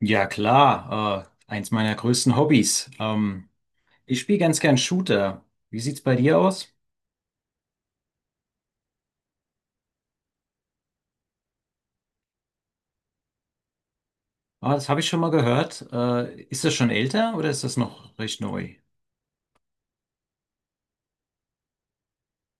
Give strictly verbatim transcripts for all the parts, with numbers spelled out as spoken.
Ja, klar, äh, eins meiner größten Hobbys. Ähm, ich spiele ganz gern Shooter. Wie sieht's bei dir aus? Ah, das habe ich schon mal gehört. Äh, ist das schon älter oder ist das noch recht neu?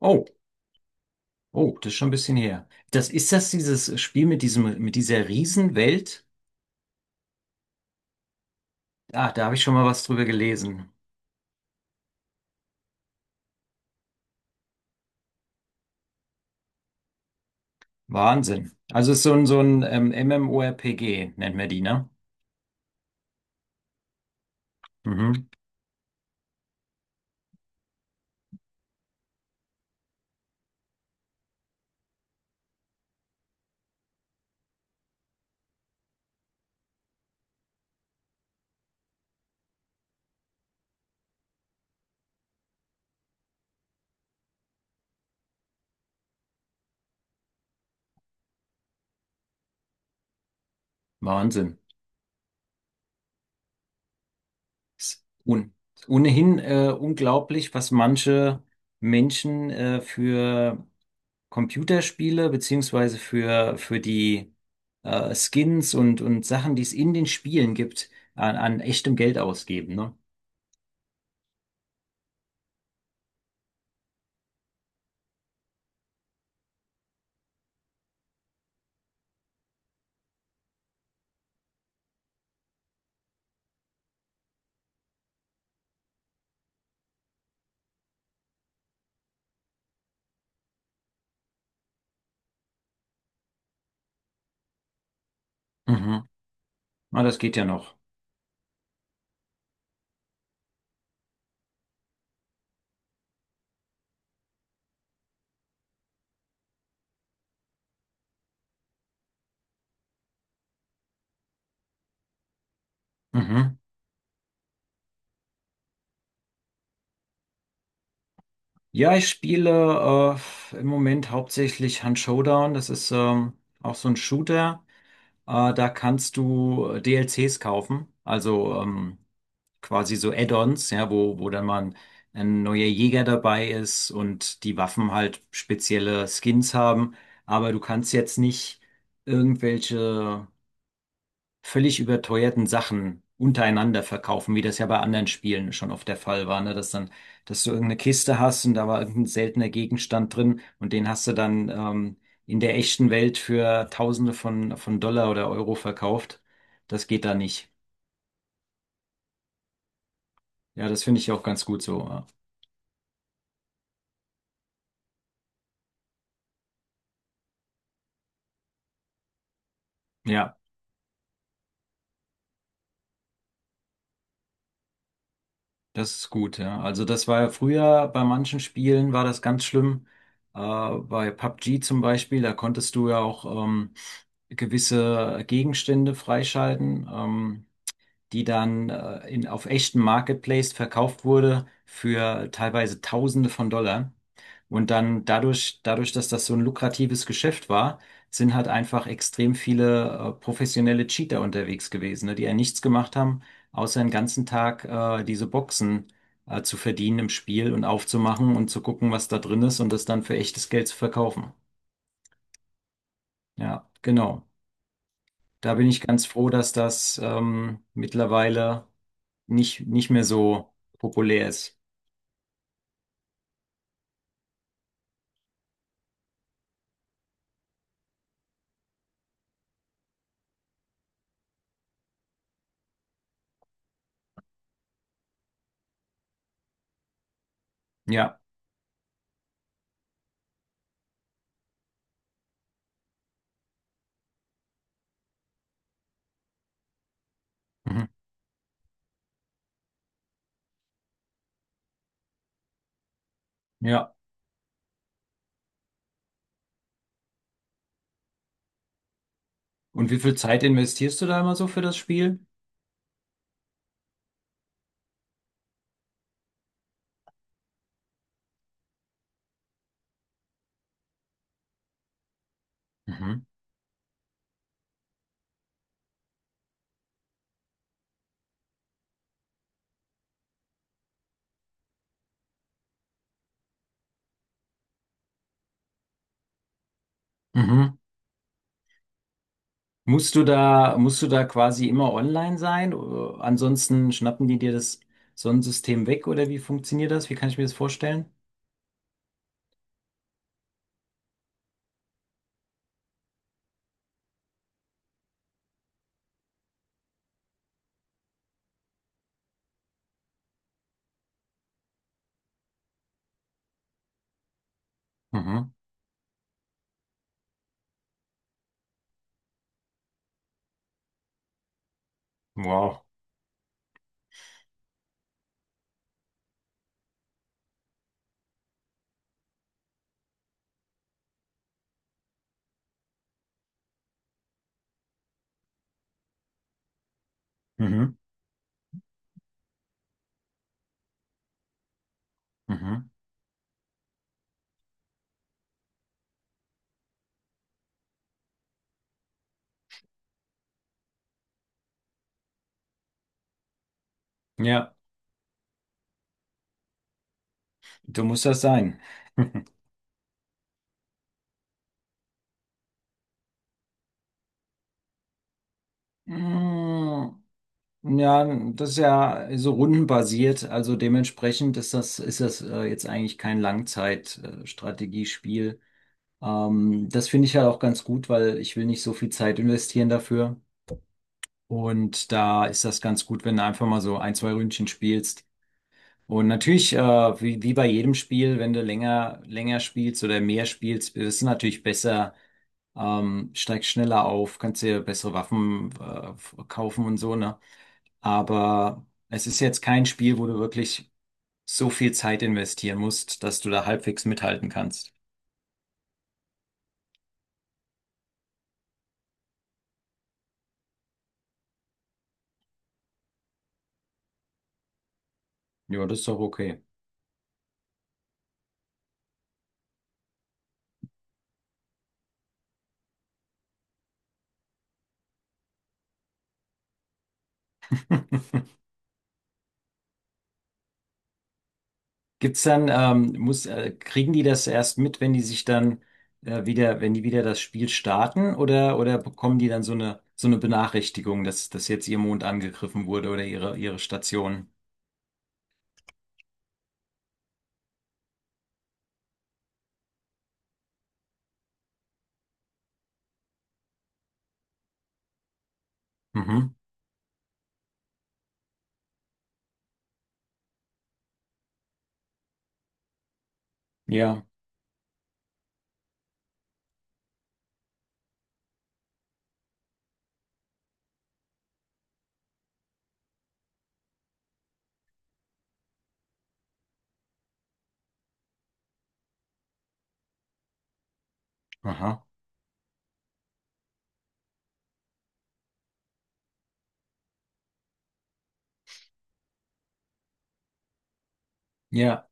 Oh, oh, das ist schon ein bisschen her. Das ist das dieses Spiel mit diesem, mit dieser Riesenwelt? Ah, da habe ich schon mal was drüber gelesen. Wahnsinn. Also es ist so ein, so ein ähm, MMORPG, nennt man die, ne? Mhm. Wahnsinn. Ist un Ohnehin äh, unglaublich, was manche Menschen äh, für Computerspiele beziehungsweise für, für die äh, Skins und, und Sachen, die es in den Spielen gibt, an, an echtem Geld ausgeben, ne? Mhm. Ah, das geht ja noch. Mhm. Ja, ich spiele äh, im Moment hauptsächlich Hunt Showdown. Das ist ähm, auch so ein Shooter. Äh, da kannst du D L Cs kaufen, also ähm, quasi so Add-ons, ja, wo, wo dann mal ein, ein neuer Jäger dabei ist und die Waffen halt spezielle Skins haben. Aber du kannst jetzt nicht irgendwelche völlig überteuerten Sachen untereinander verkaufen, wie das ja bei anderen Spielen schon oft der Fall war, ne? Dass dann, dass du irgendeine Kiste hast und da war irgendein seltener Gegenstand drin und den hast du dann ähm, in der echten Welt für Tausende von, von Dollar oder Euro verkauft. Das geht da nicht. Ja, das finde ich auch ganz gut so. Ja. Ja. Das ist gut, ja. Also das war ja früher bei manchen Spielen war das ganz schlimm. Äh, bei P U B G zum Beispiel, da konntest du ja auch ähm, gewisse Gegenstände freischalten. Ähm, die dann äh, in, auf echten Marketplace verkauft wurde für teilweise Tausende von Dollar. Und dann dadurch, dadurch, dass das so ein lukratives Geschäft war, sind halt einfach extrem viele äh, professionelle Cheater unterwegs gewesen, ne, die ja nichts gemacht haben, außer den ganzen Tag äh, diese Boxen äh, zu verdienen im Spiel und aufzumachen und zu gucken, was da drin ist und das dann für echtes Geld zu verkaufen. Ja, genau. Da bin ich ganz froh, dass das ähm, mittlerweile nicht, nicht mehr so populär ist. Ja. Mhm. Ja. Und wie viel Zeit investierst du da immer so für das Spiel? Mhm. Mhm. Musst du da, musst du da quasi immer online sein? Oder ansonsten schnappen die dir das Sonnensystem weg oder wie funktioniert das? Wie kann ich mir das vorstellen? Mhm. Wow. Mhm. Mhm. Ja, du musst das sein. Mhm. Ja, das ist ja so rundenbasiert, also dementsprechend ist das, ist das äh, jetzt eigentlich kein Langzeitstrategiespiel. Ähm, das finde ich halt auch ganz gut, weil ich will nicht so viel Zeit investieren dafür. Und da ist das ganz gut, wenn du einfach mal so ein, zwei Ründchen spielst. Und natürlich, äh, wie, wie bei jedem Spiel, wenn du länger, länger spielst oder mehr spielst, ist es natürlich besser, ähm, steigst schneller auf, kannst dir bessere Waffen, äh, kaufen und so, ne? Aber es ist jetzt kein Spiel, wo du wirklich so viel Zeit investieren musst, dass du da halbwegs mithalten kannst. Ja, das ist doch okay. Gibt's dann, ähm, muss, äh, kriegen die das erst mit, wenn die sich dann äh, wieder, wenn die wieder das Spiel starten oder, oder bekommen die dann so eine, so eine Benachrichtigung, dass, dass jetzt ihr Mond angegriffen wurde oder ihre, ihre Station? Mhm. Ja. Aha. Ja.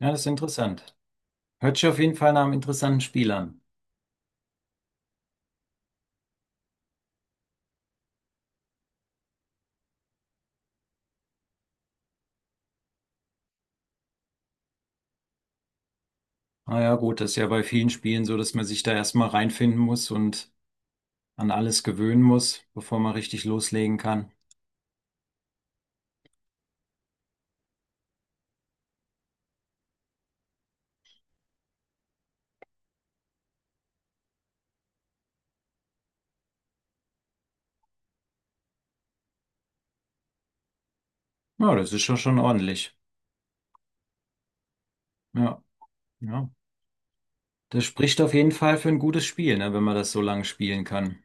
Ja, das ist interessant. Hört sich auf jeden Fall nach einem interessanten Spiel an. Ah ja, gut, das ist ja bei vielen Spielen so, dass man sich da erstmal reinfinden muss und an alles gewöhnen muss, bevor man richtig loslegen kann. Ja, das ist schon schon ordentlich. Ja, ja. Das spricht auf jeden Fall für ein gutes Spiel, ne, wenn man das so lange spielen kann.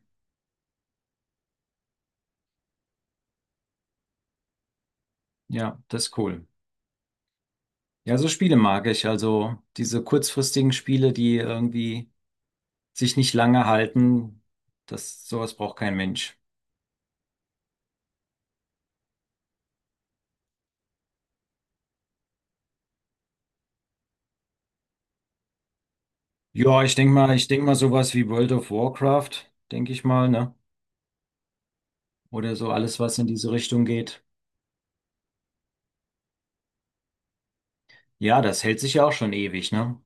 Ja, das ist cool. Ja, so Spiele mag ich. Also diese kurzfristigen Spiele, die irgendwie sich nicht lange halten, das, sowas braucht kein Mensch. Ja, ich denke mal, ich denke mal sowas wie World of Warcraft, denke ich mal, ne? Oder so alles, was in diese Richtung geht. Ja, das hält sich ja auch schon ewig, ne?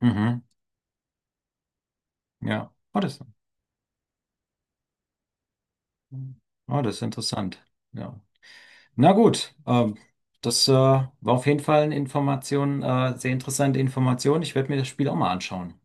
Mhm. Ja. Oh, das, oh, das ist interessant. Ja. Na gut, ähm, das äh, war auf jeden Fall eine Information, äh, sehr interessante Information. Ich werde mir das Spiel auch mal anschauen.